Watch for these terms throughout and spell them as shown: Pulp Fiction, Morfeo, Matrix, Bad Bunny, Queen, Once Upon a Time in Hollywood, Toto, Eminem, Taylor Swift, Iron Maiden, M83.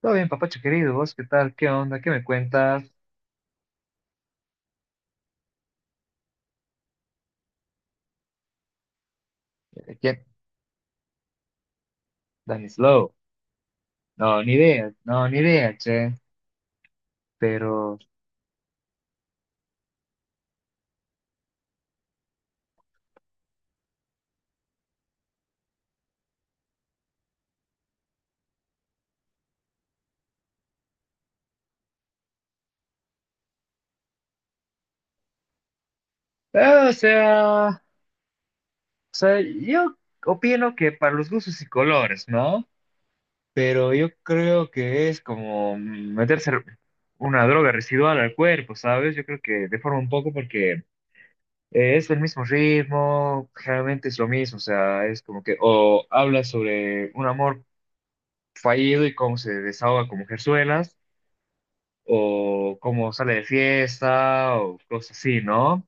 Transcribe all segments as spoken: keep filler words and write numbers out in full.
Todo bien, papacho querido, ¿vos qué tal? ¿Qué onda? ¿Qué me cuentas? Eh, ¿Quién? Slow. No, ni idea, no, ni idea, che. Pero, eh, o sea, o sea, yo opino que para los gustos y colores, ¿no? Pero yo creo que es como meterse una droga residual al cuerpo, ¿sabes? Yo creo que deforma un poco porque eh, es el mismo ritmo, generalmente es lo mismo, o sea, es como que, o habla sobre un amor fallido y cómo se desahoga con mujerzuelas o cómo sale de fiesta, o cosas así, ¿no?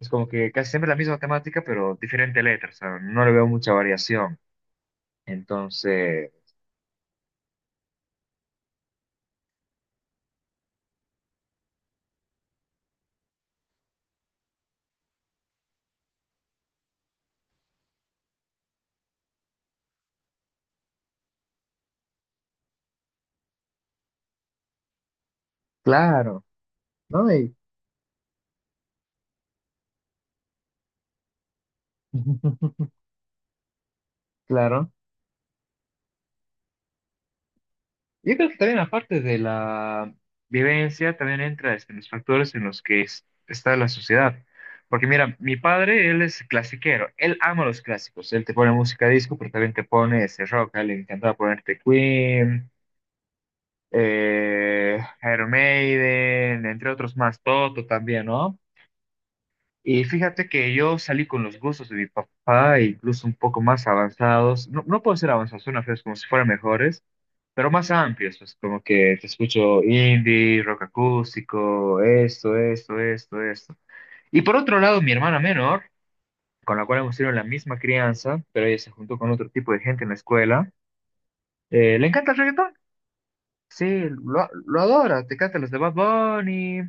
Es como que casi siempre la misma temática, pero diferente letra, o sea, no le veo mucha variación. Entonces, claro, ¿no? Y- claro. Yo creo que también aparte de la vivencia, también entra este, los factores en los que es- está la sociedad. Porque mira, mi padre, él es clasiquero, él ama los clásicos, él te pone música disco, pero también te pone ese rock, a él le encantaba ponerte Queen, eh, Iron Maiden, entre otros más, Toto también, ¿no? Y fíjate que yo salí con los gustos de mi papá, incluso un poco más avanzados, no, no puedo ser avanzados, suena feo, es como si fueran mejores, pero más amplios, pues como que te escucho indie, rock acústico, esto, esto, esto, esto. Y por otro lado, mi hermana menor, con la cual hemos tenido la misma crianza, pero ella se juntó con otro tipo de gente en la escuela, eh, le encanta el reggaetón. Sí, lo, lo adora, te canta los de Bad Bunny,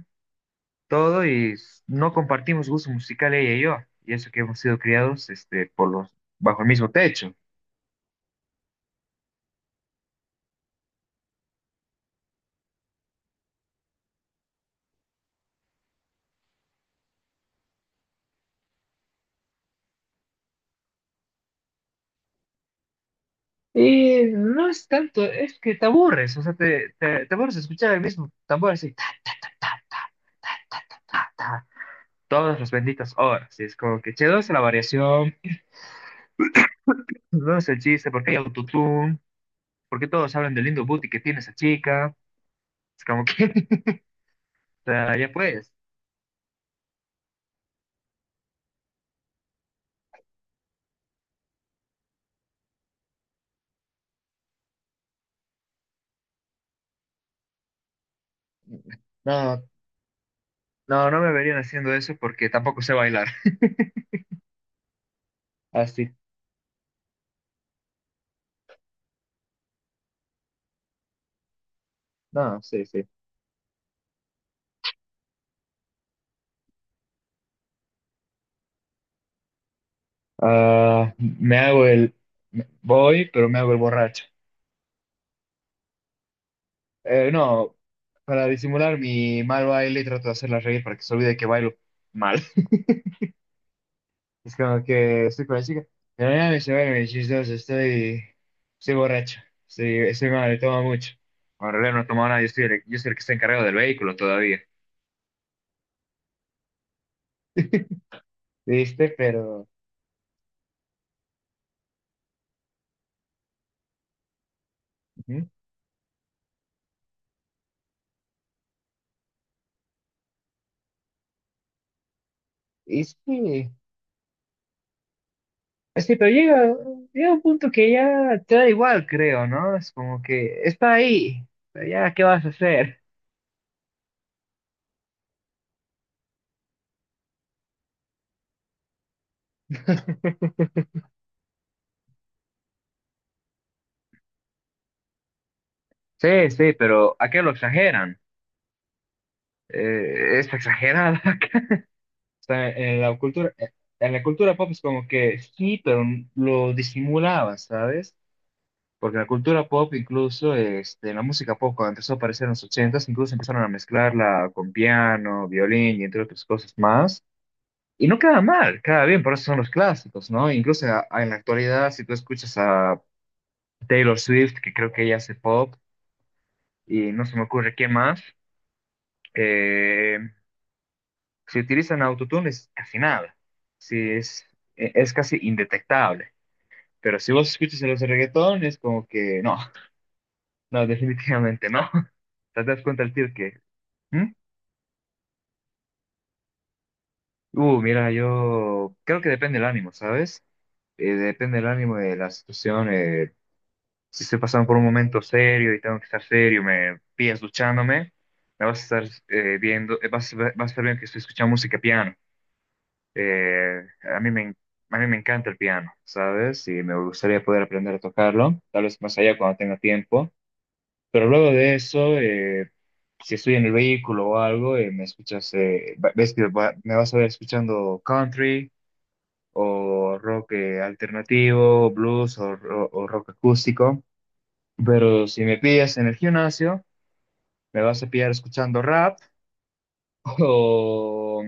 todo y s- no compartimos gusto musical ella y yo, y eso que hemos sido criados este, por los, bajo el mismo techo. Y no es tanto, es que te aburres, o sea, te, te, te aburres de escuchar el mismo tambor así, ta, ta, ta, ta, ta, ta, ta, ta, ta, ta, todas las benditas horas, y es como que, che, ¿dónde está la variación? ¿Dónde es el chiste? ¿Por qué hay autotune? ¿Por qué todos hablan del lindo booty que tiene esa chica? Es como que, o sea, ya pues, no, no, no me verían haciendo eso porque tampoco sé bailar, así No, sí, sí. Ah, me hago el... me- Voy, pero me hago el borracho. Eh, no, para disimular mi mal baile trato de hacerla reír para que se olvide que bailo mal. Es como que estoy con la chica. Pero nada, me ve mis chistoso, estoy... Estoy borracho. Estoy, estoy mal, tomo mucho. Bueno, en realidad no he nada, yo soy el, yo soy el que está encargado del vehículo todavía. ¿Viste? Pero... ujú. Y sí. Pues sí, pero llega, llega un punto que ya te da igual, creo, ¿no? Es como que está ahí, pero ya, ¿qué vas a hacer? Sí, sí, pero ¿a qué lo exageran? Eh, es exagerada. O sea, en la cultura, eh, en la cultura pop es como que sí, pero lo disimulaba, ¿sabes? Porque la cultura pop, incluso este, la música pop, cuando empezó a aparecer en los ochentas, incluso empezaron a mezclarla con piano, violín y entre otras cosas más. Y no queda mal, queda bien, por eso son los clásicos, ¿no? Incluso a- a- en la actualidad, si tú escuchas a Taylor Swift, que creo que ella hace pop, y no se me ocurre quién más, eh, si utilizan autotune es casi nada, si es, e- es casi indetectable. Pero si vos escuchas a los de reggaetón, es como que no, no, definitivamente no. Te das cuenta el tío que... ¿hmm? Uh, mira, yo creo que depende el ánimo, ¿sabes? Eh, depende el ánimo de la situación. Eh, si estoy pasando por un momento serio y tengo que estar serio, me pillas duchándome, me vas a estar eh, viendo, eh, vas, a ver- vas a estar viendo que estoy escuchando música piano. Eh, a mí me, en- a mí me encanta el piano, ¿sabes? Y me gustaría poder aprender a tocarlo, tal vez más allá cuando tenga tiempo. Pero luego de eso, eh, si estoy en el vehículo o algo, eh, me escuchas, eh, va- ves que va- me vas a ver escuchando country o rock eh, alternativo, blues o, o o rock acústico. Pero si me pillas en el gimnasio, me vas a pillar escuchando rap o,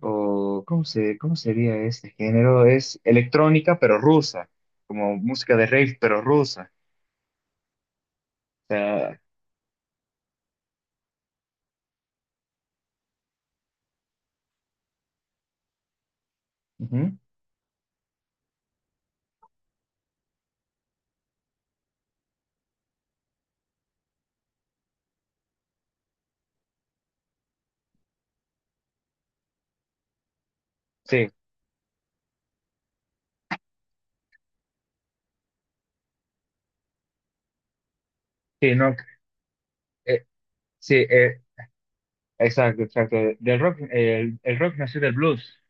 o ¿cómo se, cómo sería este género? Es electrónica pero rusa, como música de rave pero rusa. O sea, ujú. Sí, sí, no, eh, sí, eh, exacto, exacto. Del rock, el, el rock nació del blues.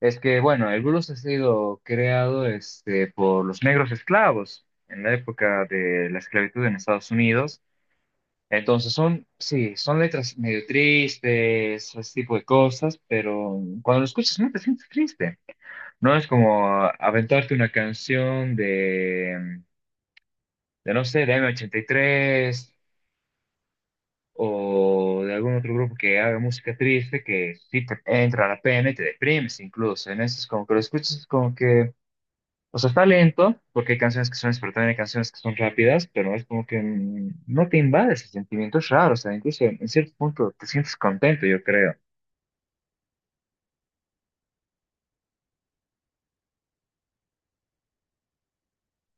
Es que, bueno, el blues ha sido creado este, por los negros esclavos en la época de la esclavitud en Estados Unidos. Entonces son, sí, son letras medio tristes, ese tipo de cosas, pero cuando lo escuchas no te sientes triste. No es como ah, aventarte una canción de, de no sé, de M ochenta y tres o de algún otro grupo que haga música triste que sí te entra la pena y te deprimes incluso. En eso es como que lo escuchas es como que o sea, está lento, porque hay canciones que son lentas, pero también hay canciones que son rápidas, pero es como que mm, no te invade ese sentimiento, es raro, o sea, incluso en cierto punto te sientes contento, yo creo.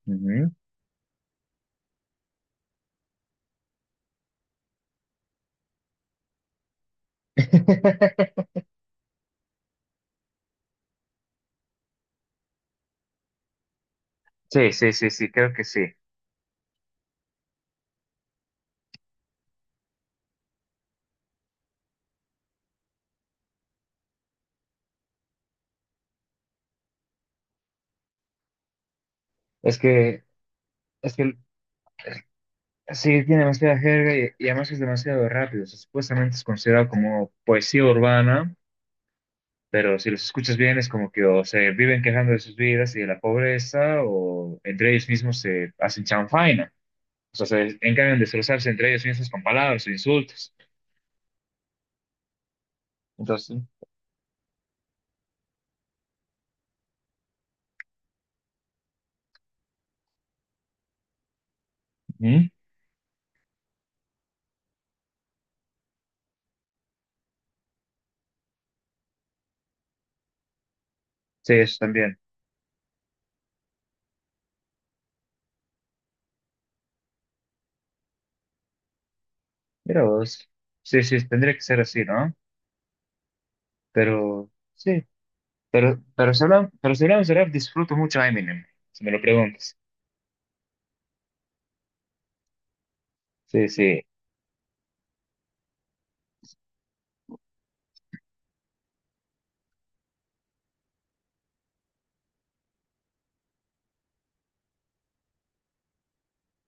Ujú. Sí, sí, sí, sí, creo que sí. Es que, es que sí, tiene demasiada jerga y, y además es demasiado rápido. O sea, supuestamente es considerado como poesía urbana, pero si los escuchas bien es como que o se viven quejando de sus vidas y de la pobreza, o entre ellos mismos se hacen chanfaina. O sea, se encargan de destrozarse entre ellos mismos con palabras o insultos. Entonces, ujú, sí, eso también. Mira vos. Sí, sí, tendría que ser así, ¿no? Pero, sí. Pero, pero, si hablamos, pero si hablamos de rap, disfruto mucho a Eminem, si me lo preguntas. Sí, sí.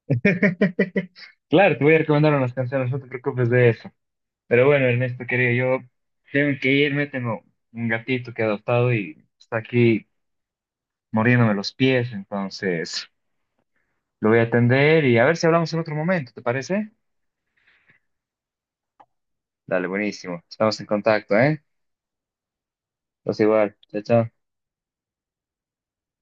Claro, te voy a recomendar unas canciones, no te preocupes de eso. Pero bueno, Ernesto, querido, yo tengo que irme, tengo un gatito que he adoptado y está aquí muriéndome los pies, entonces lo voy a atender y a ver si hablamos en otro momento, ¿te parece? Dale, buenísimo. Estamos en contacto, ¿eh? Pues igual. Chao, chao.